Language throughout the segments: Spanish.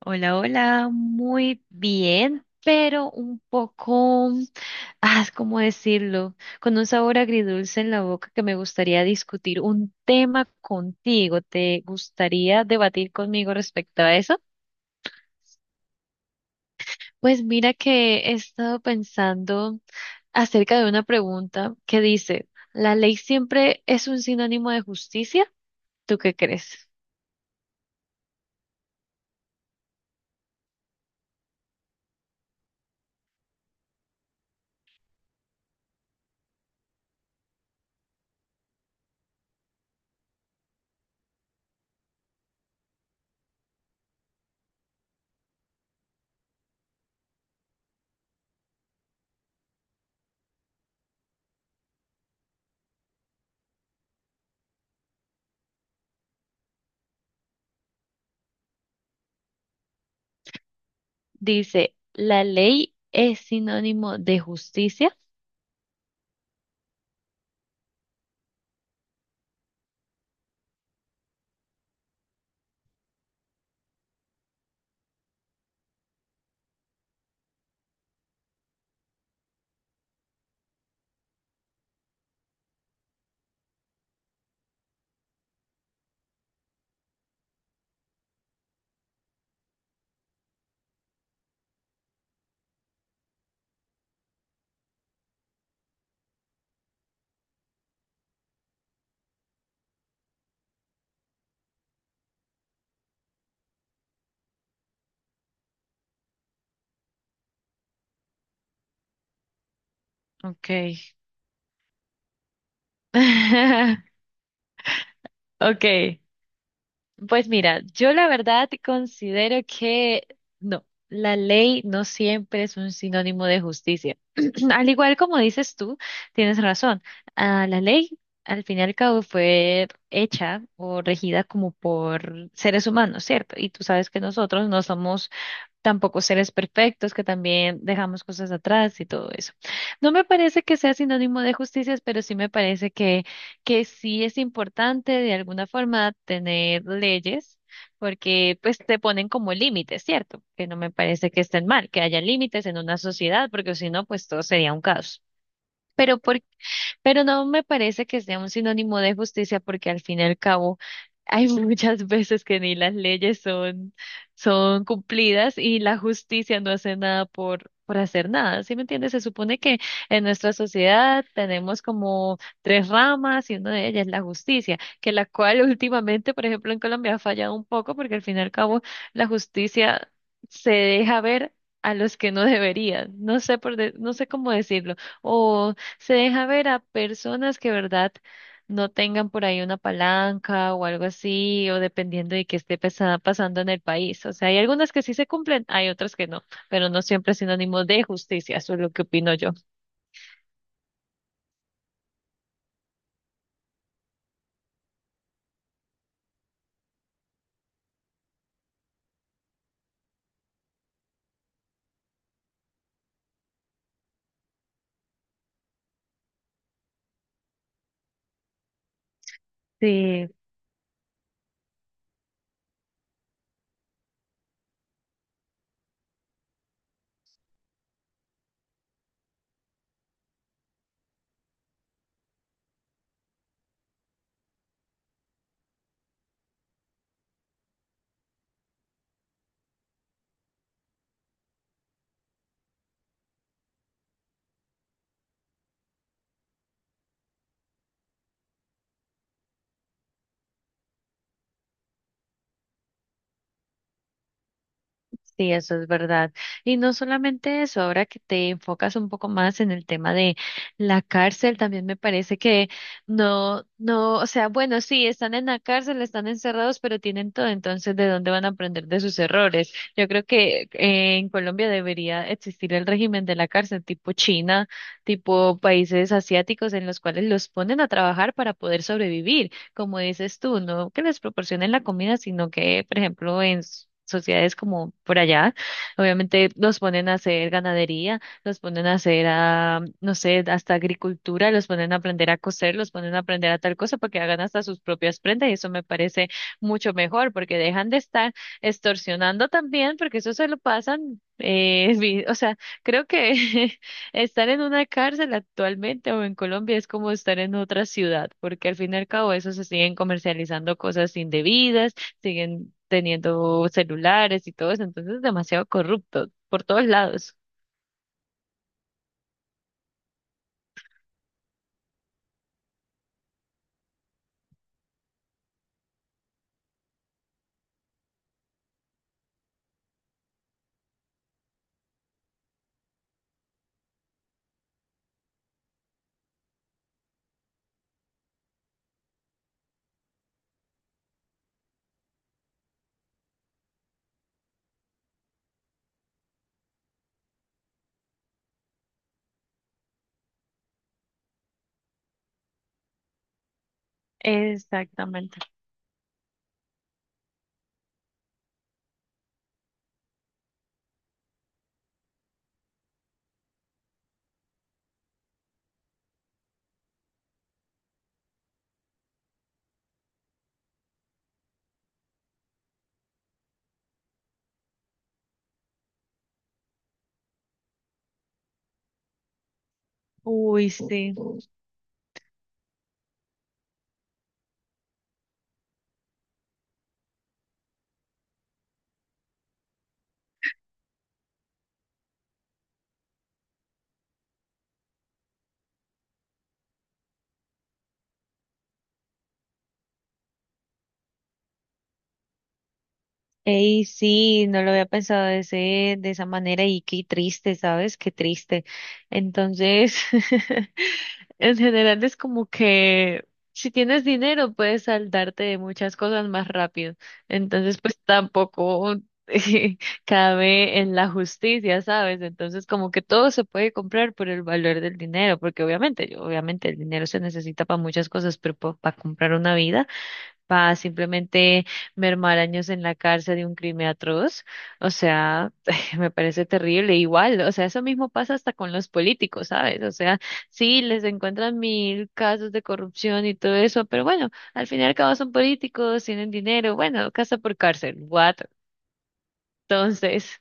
Hola, hola, muy bien, pero un poco, ¿cómo decirlo? Con un sabor agridulce en la boca que me gustaría discutir un tema contigo. ¿Te gustaría debatir conmigo respecto a eso? Pues mira que he estado pensando acerca de una pregunta que dice, ¿la ley siempre es un sinónimo de justicia? ¿Tú qué crees? Dice, ¿la ley es sinónimo de justicia? Ok. Okay, pues mira, yo la verdad considero que no, la ley no siempre es un sinónimo de justicia. Al igual como dices tú, tienes razón. La ley, al fin y al cabo, fue hecha o regida como por seres humanos, ¿cierto? Y tú sabes que nosotros no somos tampoco seres perfectos, que también dejamos cosas atrás y todo eso. No me parece que sea sinónimo de justicia, pero sí me parece que sí es importante de alguna forma tener leyes, porque pues te ponen como límites, ¿cierto? Que no me parece que estén mal, que haya límites en una sociedad, porque si no, pues todo sería un caos. Pero ¿por pero no me parece que sea un sinónimo de justicia porque al fin y al cabo hay muchas veces que ni las leyes son, son cumplidas y la justicia no hace nada por, por hacer nada. ¿Sí me entiendes? Se supone que en nuestra sociedad tenemos como tres ramas y una de ellas es la justicia, que la cual últimamente, por ejemplo, en Colombia ha fallado un poco porque al fin y al cabo la justicia se deja ver a los que no deberían, no sé cómo decirlo, o se deja ver a personas que, verdad, no tengan por ahí una palanca o algo así, o dependiendo de qué pasando en el país. O sea, hay algunas que sí se cumplen, hay otras que no, pero no siempre es sinónimo de justicia, eso es lo que opino yo. Sí, Sí, eso es verdad. Y no solamente eso, ahora que te enfocas un poco más en el tema de la cárcel, también me parece que no, no, o sea, bueno, sí, están en la cárcel, están encerrados, pero tienen todo, entonces, ¿de dónde van a aprender de sus errores? Yo creo que en Colombia debería existir el régimen de la cárcel tipo China, tipo países asiáticos en los cuales los ponen a trabajar para poder sobrevivir como dices tú, no que les proporcionen la comida, sino que, por ejemplo, en sociedades como por allá, obviamente los ponen a hacer ganadería, los ponen a hacer, no sé, hasta agricultura, los ponen a aprender a coser, los ponen a aprender a tal cosa para que hagan hasta sus propias prendas y eso me parece mucho mejor porque dejan de estar extorsionando también porque eso se lo pasan, o sea, creo que estar en una cárcel actualmente o en Colombia es como estar en otra ciudad, porque al fin y al cabo eso se siguen comercializando cosas indebidas, siguen teniendo celulares y todo eso, entonces es demasiado corrupto por todos lados. Exactamente. Uy, sí. Ey, sí, no lo había pensado de ese, de esa manera y qué triste, ¿sabes? Qué triste. Entonces, en general es como que si tienes dinero puedes saldarte de muchas cosas más rápido. Entonces, pues tampoco cabe en la justicia, ¿sabes? Entonces, como que todo se puede comprar por el valor del dinero, porque obviamente, obviamente el dinero se necesita para muchas cosas, pero para comprar una vida, para simplemente mermar años en la cárcel de un crimen atroz. O sea, me parece terrible. Igual, o sea, eso mismo pasa hasta con los políticos, ¿sabes? O sea, sí, les encuentran mil casos de corrupción y todo eso, pero bueno, al fin y al cabo son políticos, tienen dinero, bueno, casa por cárcel, what? Entonces.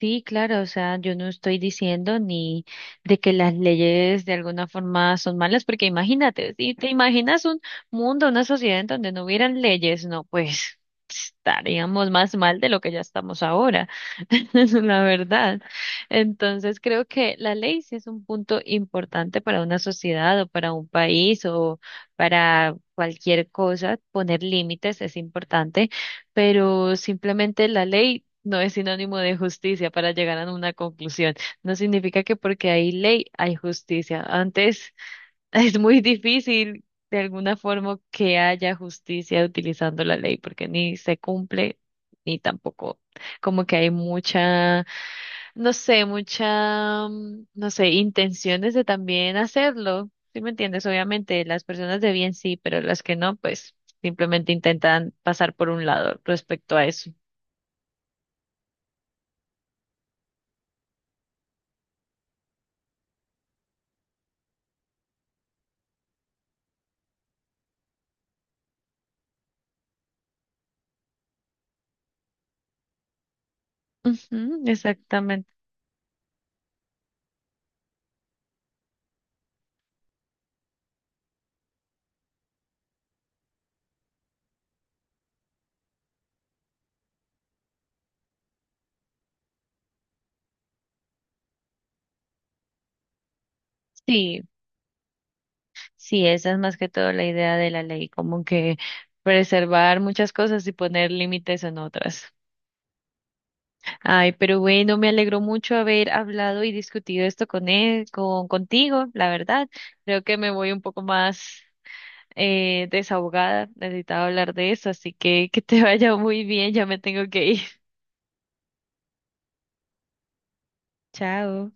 Sí, claro, o sea, yo no estoy diciendo ni de que las leyes de alguna forma son malas, porque imagínate, si te imaginas un mundo, una sociedad en donde no hubieran leyes, no, pues estaríamos más mal de lo que ya estamos ahora, la verdad. Entonces, creo que la ley sí es un punto importante para una sociedad o para un país o para cualquier cosa, poner límites es importante, pero simplemente la ley no es sinónimo de justicia para llegar a una conclusión. No significa que porque hay ley hay justicia. Antes es muy difícil de alguna forma que haya justicia utilizando la ley porque ni se cumple ni tampoco como que hay mucha, no sé, mucha, no sé, intenciones de también hacerlo. ¿Sí me entiendes? Obviamente, las personas de bien sí, pero las que no, pues simplemente intentan pasar por un lado respecto a eso. Ujú, exactamente. Sí, sí, esa es más que todo la idea de la ley, como que preservar muchas cosas y poner límites en otras. Ay, pero bueno, me alegró mucho haber hablado y discutido esto con contigo, la verdad. Creo que me voy un poco más desahogada, necesitaba hablar de eso, así que te vaya muy bien, ya me tengo que ir. Chao.